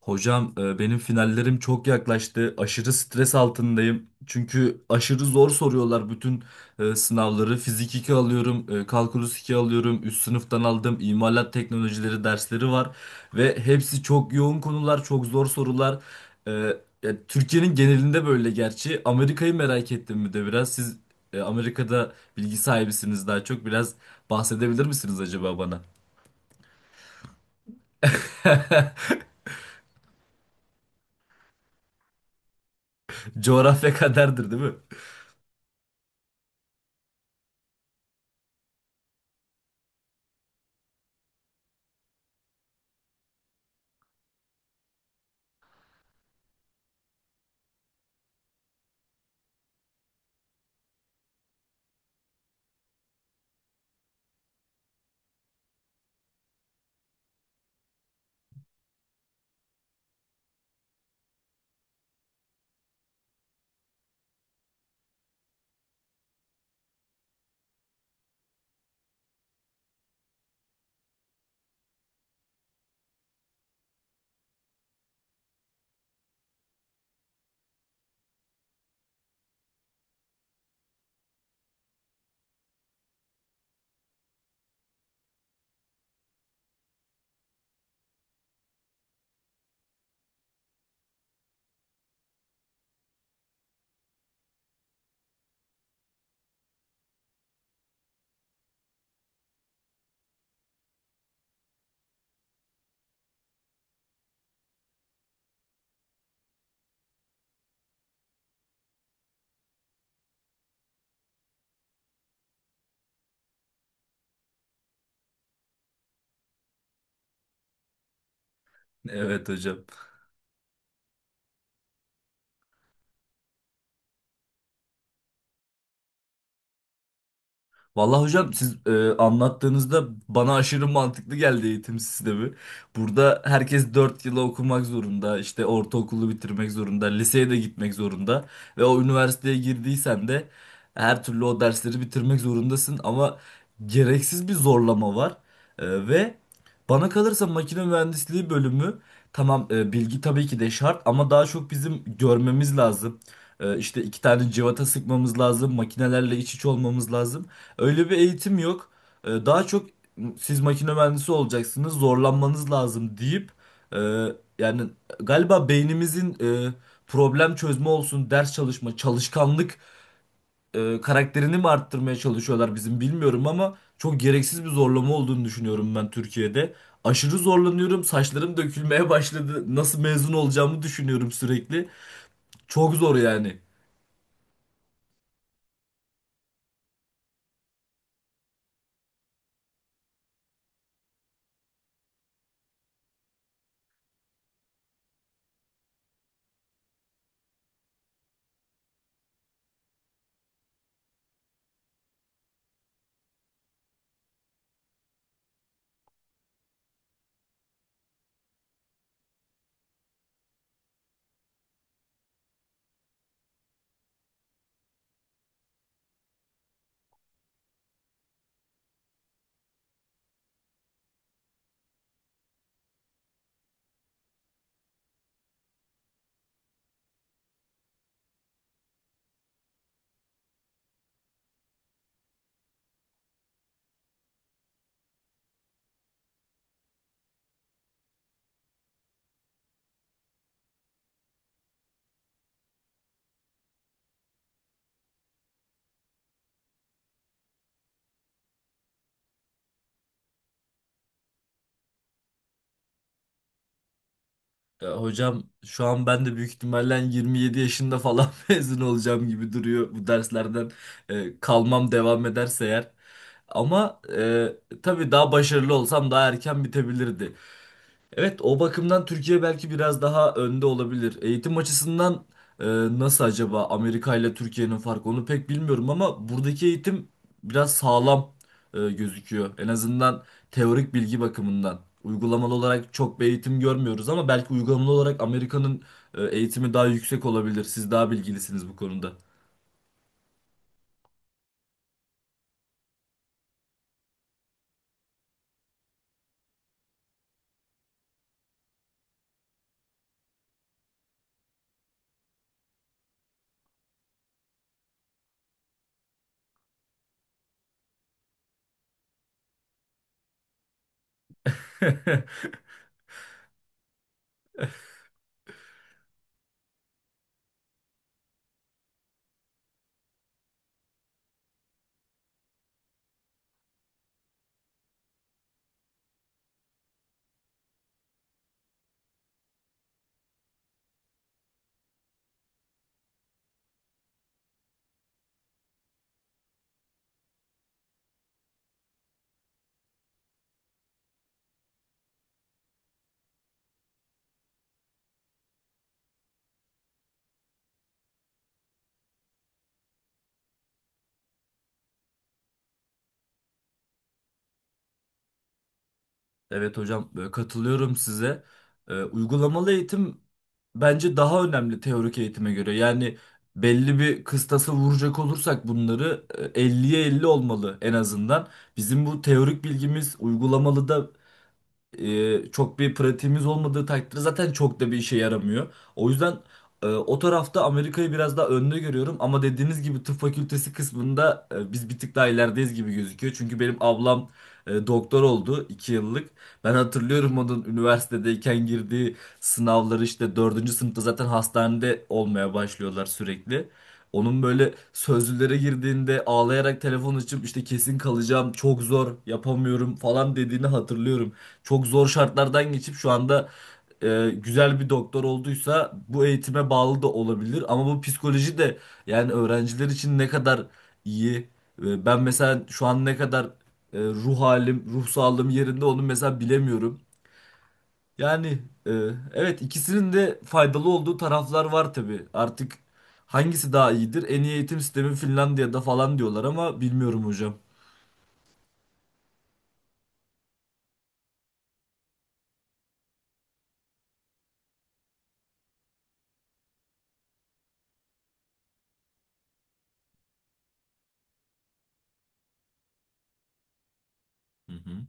Hocam benim finallerim çok yaklaştı. Aşırı stres altındayım. Çünkü aşırı zor soruyorlar bütün sınavları. Fizik 2 alıyorum, kalkulus 2 alıyorum, üst sınıftan aldım. İmalat teknolojileri dersleri var ve hepsi çok yoğun konular, çok zor sorular. E, ya Türkiye'nin genelinde böyle gerçi. Amerika'yı merak ettim bir de biraz. Siz Amerika'da bilgi sahibisiniz daha çok. Biraz bahsedebilir misiniz acaba bana? Coğrafya kaderdir, değil mi? Evet hocam. Vallahi hocam siz anlattığınızda bana aşırı mantıklı geldi eğitim sistemi. Burada herkes 4 yıla okumak zorunda, işte ortaokulu bitirmek zorunda, liseye de gitmek zorunda ve o üniversiteye girdiysen de her türlü o dersleri bitirmek zorundasın ama gereksiz bir zorlama var. Ve bana kalırsa makine mühendisliği bölümü tamam, bilgi tabii ki de şart ama daha çok bizim görmemiz lazım. E, işte iki tane cıvata sıkmamız lazım, makinelerle iç içe olmamız lazım. Öyle bir eğitim yok. Daha çok siz makine mühendisi olacaksınız, zorlanmanız lazım deyip e, yani galiba beynimizin e, problem çözme olsun, ders çalışma, çalışkanlık karakterini mi arttırmaya çalışıyorlar bizim bilmiyorum ama çok gereksiz bir zorlama olduğunu düşünüyorum ben Türkiye'de. Aşırı zorlanıyorum, saçlarım dökülmeye başladı. Nasıl mezun olacağımı düşünüyorum sürekli. Çok zor yani. Ya hocam şu an ben de büyük ihtimalle 27 yaşında falan mezun olacağım gibi duruyor bu derslerden kalmam devam ederse eğer. Ama tabii daha başarılı olsam daha erken bitebilirdi. Evet, o bakımdan Türkiye belki biraz daha önde olabilir. Eğitim açısından e, nasıl acaba Amerika ile Türkiye'nin farkı onu pek bilmiyorum ama buradaki eğitim biraz sağlam gözüküyor. En azından teorik bilgi bakımından. Uygulamalı olarak çok bir eğitim görmüyoruz ama belki uygulamalı olarak Amerika'nın eğitimi daha yüksek olabilir. Siz daha bilgilisiniz bu konuda. Evet hocam, katılıyorum size. Uygulamalı eğitim bence daha önemli teorik eğitime göre. Yani belli bir kıstası vuracak olursak bunları 50'ye 50 olmalı en azından. Bizim bu teorik bilgimiz uygulamalı da çok bir pratiğimiz olmadığı takdirde zaten çok da bir işe yaramıyor. O yüzden o tarafta Amerika'yı biraz daha önde görüyorum ama dediğiniz gibi tıp fakültesi kısmında biz bir tık daha ilerideyiz gibi gözüküyor. Çünkü benim ablam doktor oldu 2 yıllık. Ben hatırlıyorum onun üniversitedeyken girdiği sınavları, işte dördüncü sınıfta zaten hastanede olmaya başlıyorlar sürekli. Onun böyle sözlülere girdiğinde ağlayarak telefon açıp işte kesin kalacağım, çok zor, yapamıyorum falan dediğini hatırlıyorum. Çok zor şartlardan geçip şu anda güzel bir doktor olduysa bu eğitime bağlı da olabilir. Ama bu psikoloji de yani öğrenciler için ne kadar iyi. Ben mesela şu an ne kadar, ruh halim, ruh sağlığım yerinde onu mesela bilemiyorum. Yani, e, evet, ikisinin de faydalı olduğu taraflar var tabii. Artık hangisi daha iyidir? En iyi eğitim sistemi Finlandiya'da falan diyorlar ama bilmiyorum hocam. Hı hı.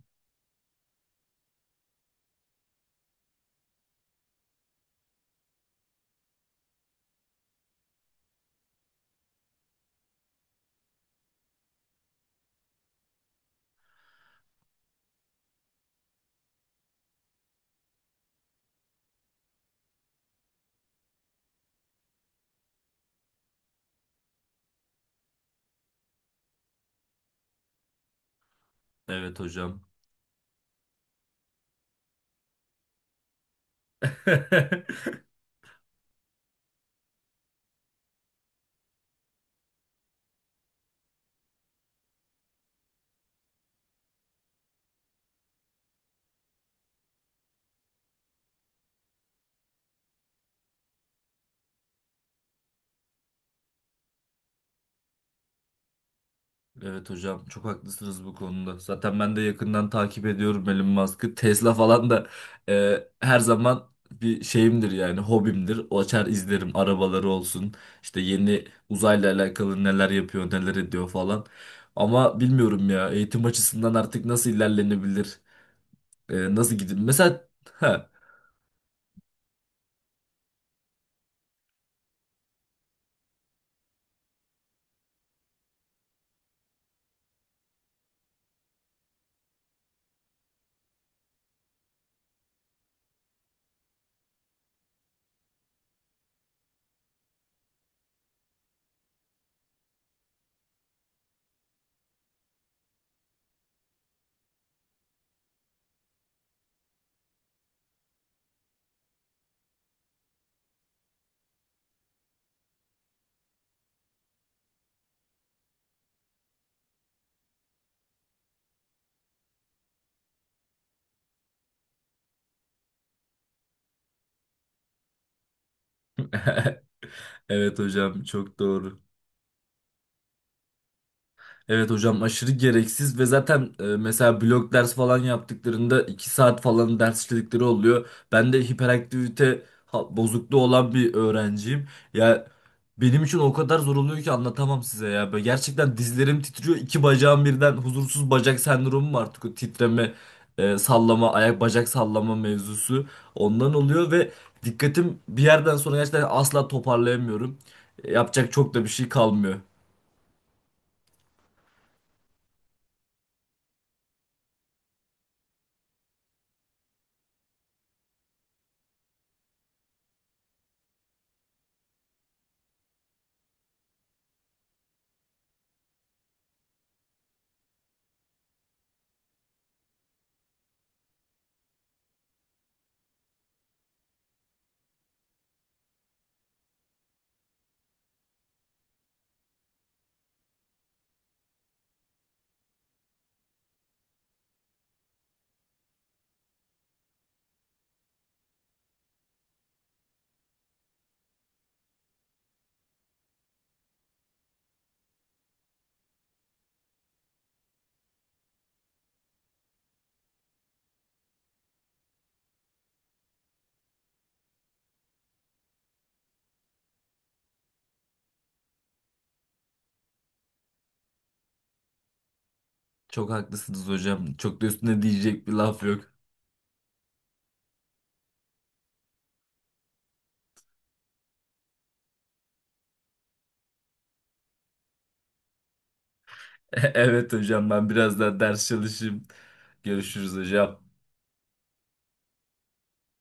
Evet hocam. Evet hocam, çok haklısınız bu konuda. Zaten ben de yakından takip ediyorum Elon Musk'ı. Tesla falan da her zaman bir şeyimdir yani hobimdir. O açar izlerim, arabaları olsun. İşte yeni uzayla alakalı neler yapıyor neler ediyor falan. Ama bilmiyorum ya, eğitim açısından artık nasıl ilerlenebilir? Nasıl gidin? Mesela ha, evet hocam, çok doğru. Evet hocam, aşırı gereksiz ve zaten mesela blok ders falan yaptıklarında 2 saat falan ders işledikleri oluyor. Ben de hiperaktivite bozukluğu olan bir öğrenciyim. Ya benim için o kadar zor oluyor ki anlatamam size ya. Böyle gerçekten dizlerim titriyor. İki bacağım birden huzursuz bacak sendromu var, artık o titreme, sallama, ayak bacak sallama mevzusu. Ondan oluyor ve dikkatim bir yerden sonra gerçekten asla toparlayamıyorum. Yapacak çok da bir şey kalmıyor. Çok haklısınız hocam. Çok da üstüne diyecek bir laf yok. Evet hocam, ben biraz daha ders çalışayım. Görüşürüz hocam.